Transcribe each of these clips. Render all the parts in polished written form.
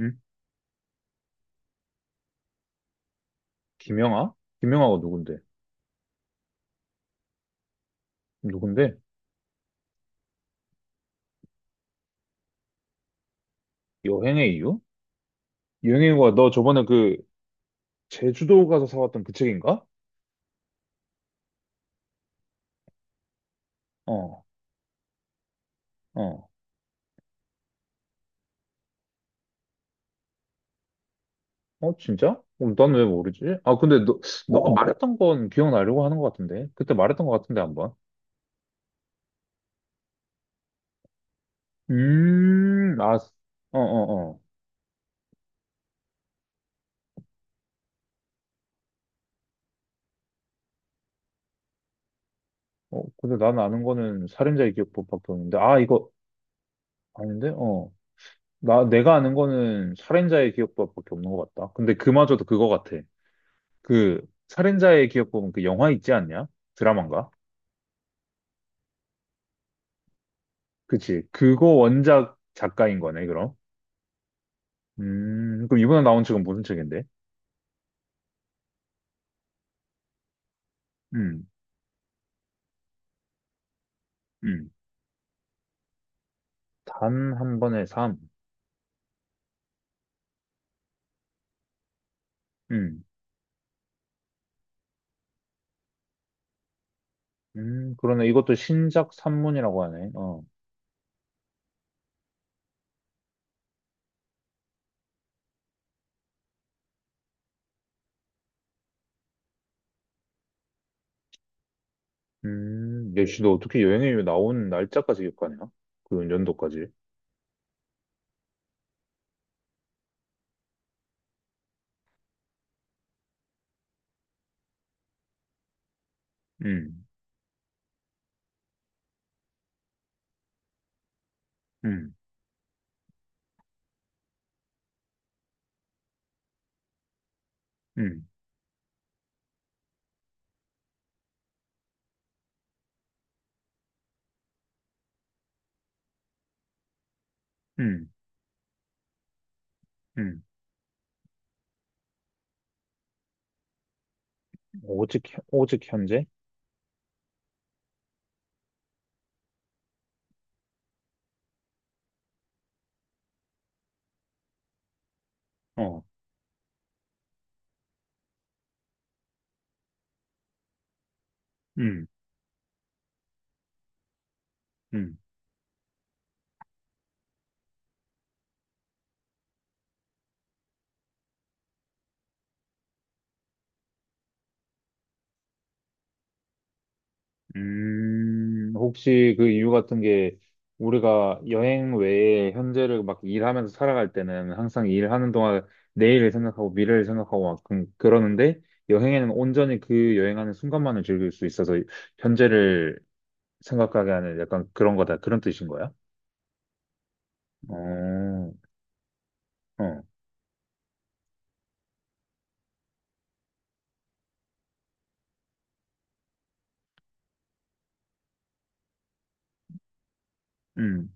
응? 김영하? 김영하가 누군데? 누군데? 여행의 이유? 여행의 이유가 너 저번에 그 제주도 가서 사왔던 그 책인가? 어, 어, 어, 진짜? 그럼 난 왜 모르지? 아, 근데 너가 말했던 건 기억나려고 하는 것 같은데? 그때 말했던 것 같은데, 한번. 아, 어, 어, 어. 어, 근데 난 아는 거는 살인자의 기억법밖에 없는데, 아, 이거 아닌데? 어. 내가 아는 거는 살인자의 기억법밖에 없는 것 같다. 근데 그마저도 그거 같아. 그 살인자의 기억 보면 그 영화 있지 않냐? 드라마인가? 그치. 그거 원작 작가인 거네, 그럼. 그럼 이번에 나온 책은 무슨 책인데? 음, 음. 단 한 번의 삶. 음, 그러네. 이것도 신작 산문이라고 하네. 어. 역시 너 어떻게 여행이 나온 날짜까지 기억하냐? 그 연도까지. 음, 음, 음, 음, 음. 오직, 오직 현재? 어, 음, 음. 혹시 그 이유 같은 게 우리가 여행 외에 현재를 막 일하면서 살아갈 때는 항상 일하는 동안 내일을 생각하고 미래를 생각하고 막 그러는데 여행에는 온전히 그 여행하는 순간만을 즐길 수 있어서 현재를 생각하게 하는 약간 그런 거다. 그런 뜻인 거야? 어, 어, 음,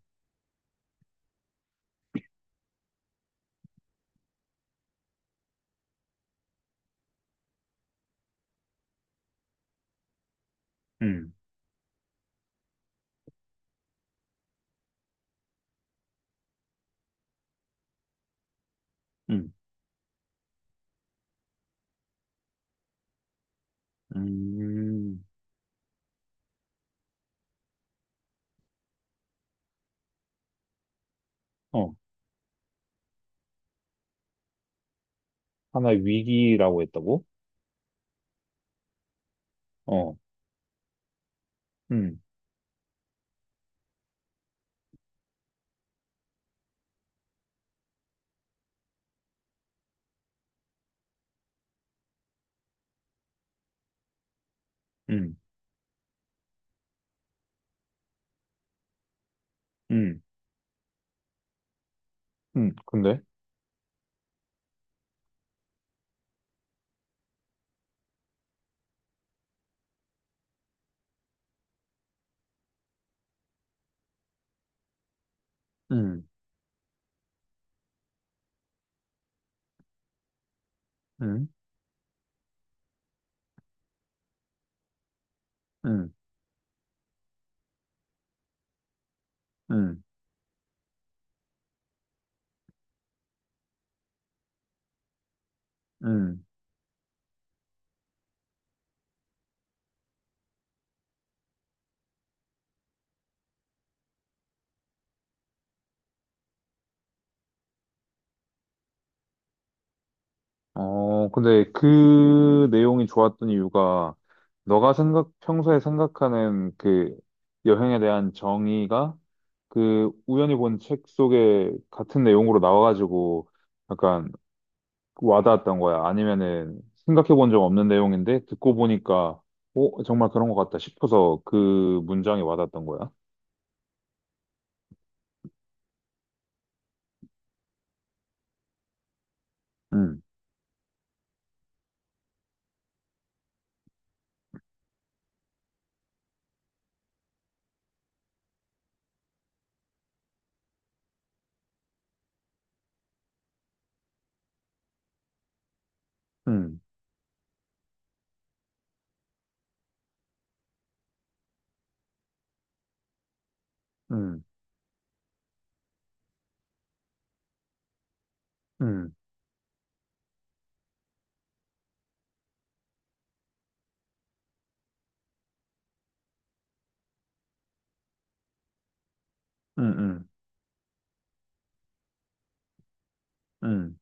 음, 음, 음, 음. 어, 하나의 위기라고 했다고? 어, 음, 음, 음, 근데? 음, 음. 음. 음, 음. 어, 근데 그 내용이 좋았던 이유가 평소에 생각하는 그 여행에 대한 정의가 그 우연히 본 책 속에 같은 내용으로 나와가지고 약간 와닿았던 거야. 아니면은 생각해 본 적 없는 내용인데 듣고 보니까 어, 정말 그런 것 같다 싶어서 그 문장이 와닿았던 거야. 음, 음, 음, 음, 음, 음, 음.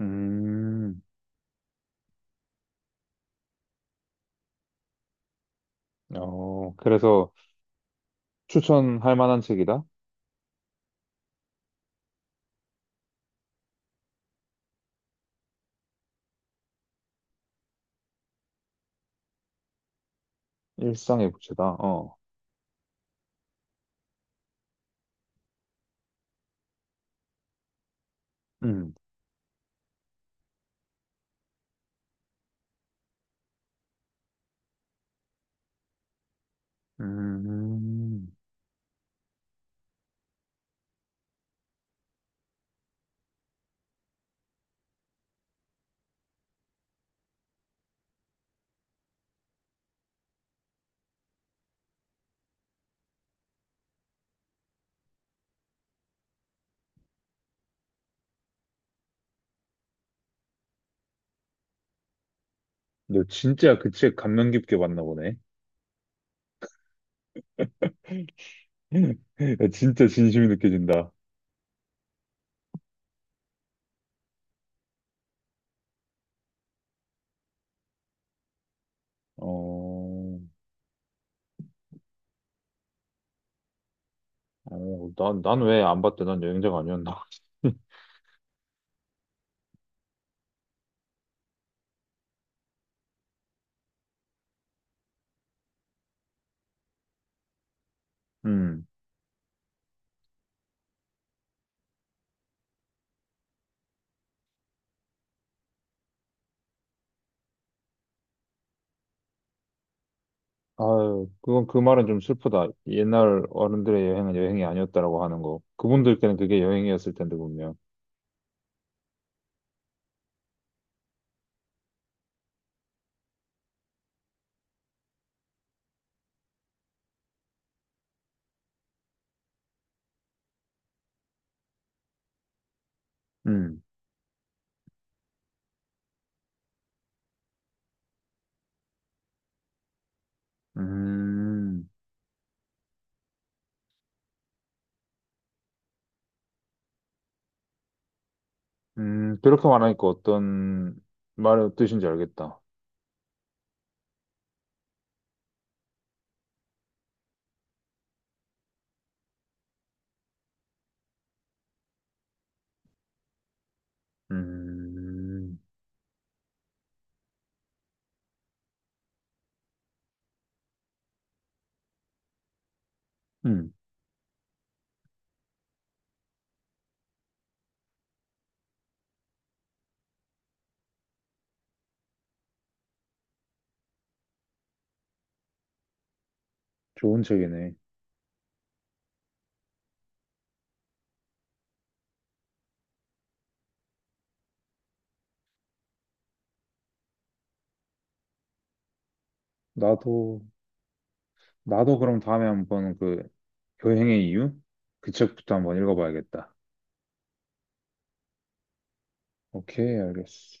음. 어, 그래서 추천할 만한 책이다? 일상의 부채다. 어. 음. 음. 너 진짜 그 책 감명 깊게 봤나 보네. 야, 진짜 진심이 느껴진다. 어. 어, 난 왜 안 봤대? 난 여행자가 아니었나? 음. 아유, 그건 그 말은 좀 슬프다. 옛날 어른들의 여행은 여행이 아니었다라고 하는 거. 그분들께는 그게 여행이었을 텐데, 분명. 음. 음. 그렇게 말하니까 어떤 말의 뜻인지 알겠다. 음, 음, 좋은 책이네. 나도, 나도 그럼 다음에 한번 그 여행의 이유? 그 책부터 한번 읽어봐야겠다. 오케이, 알겠어.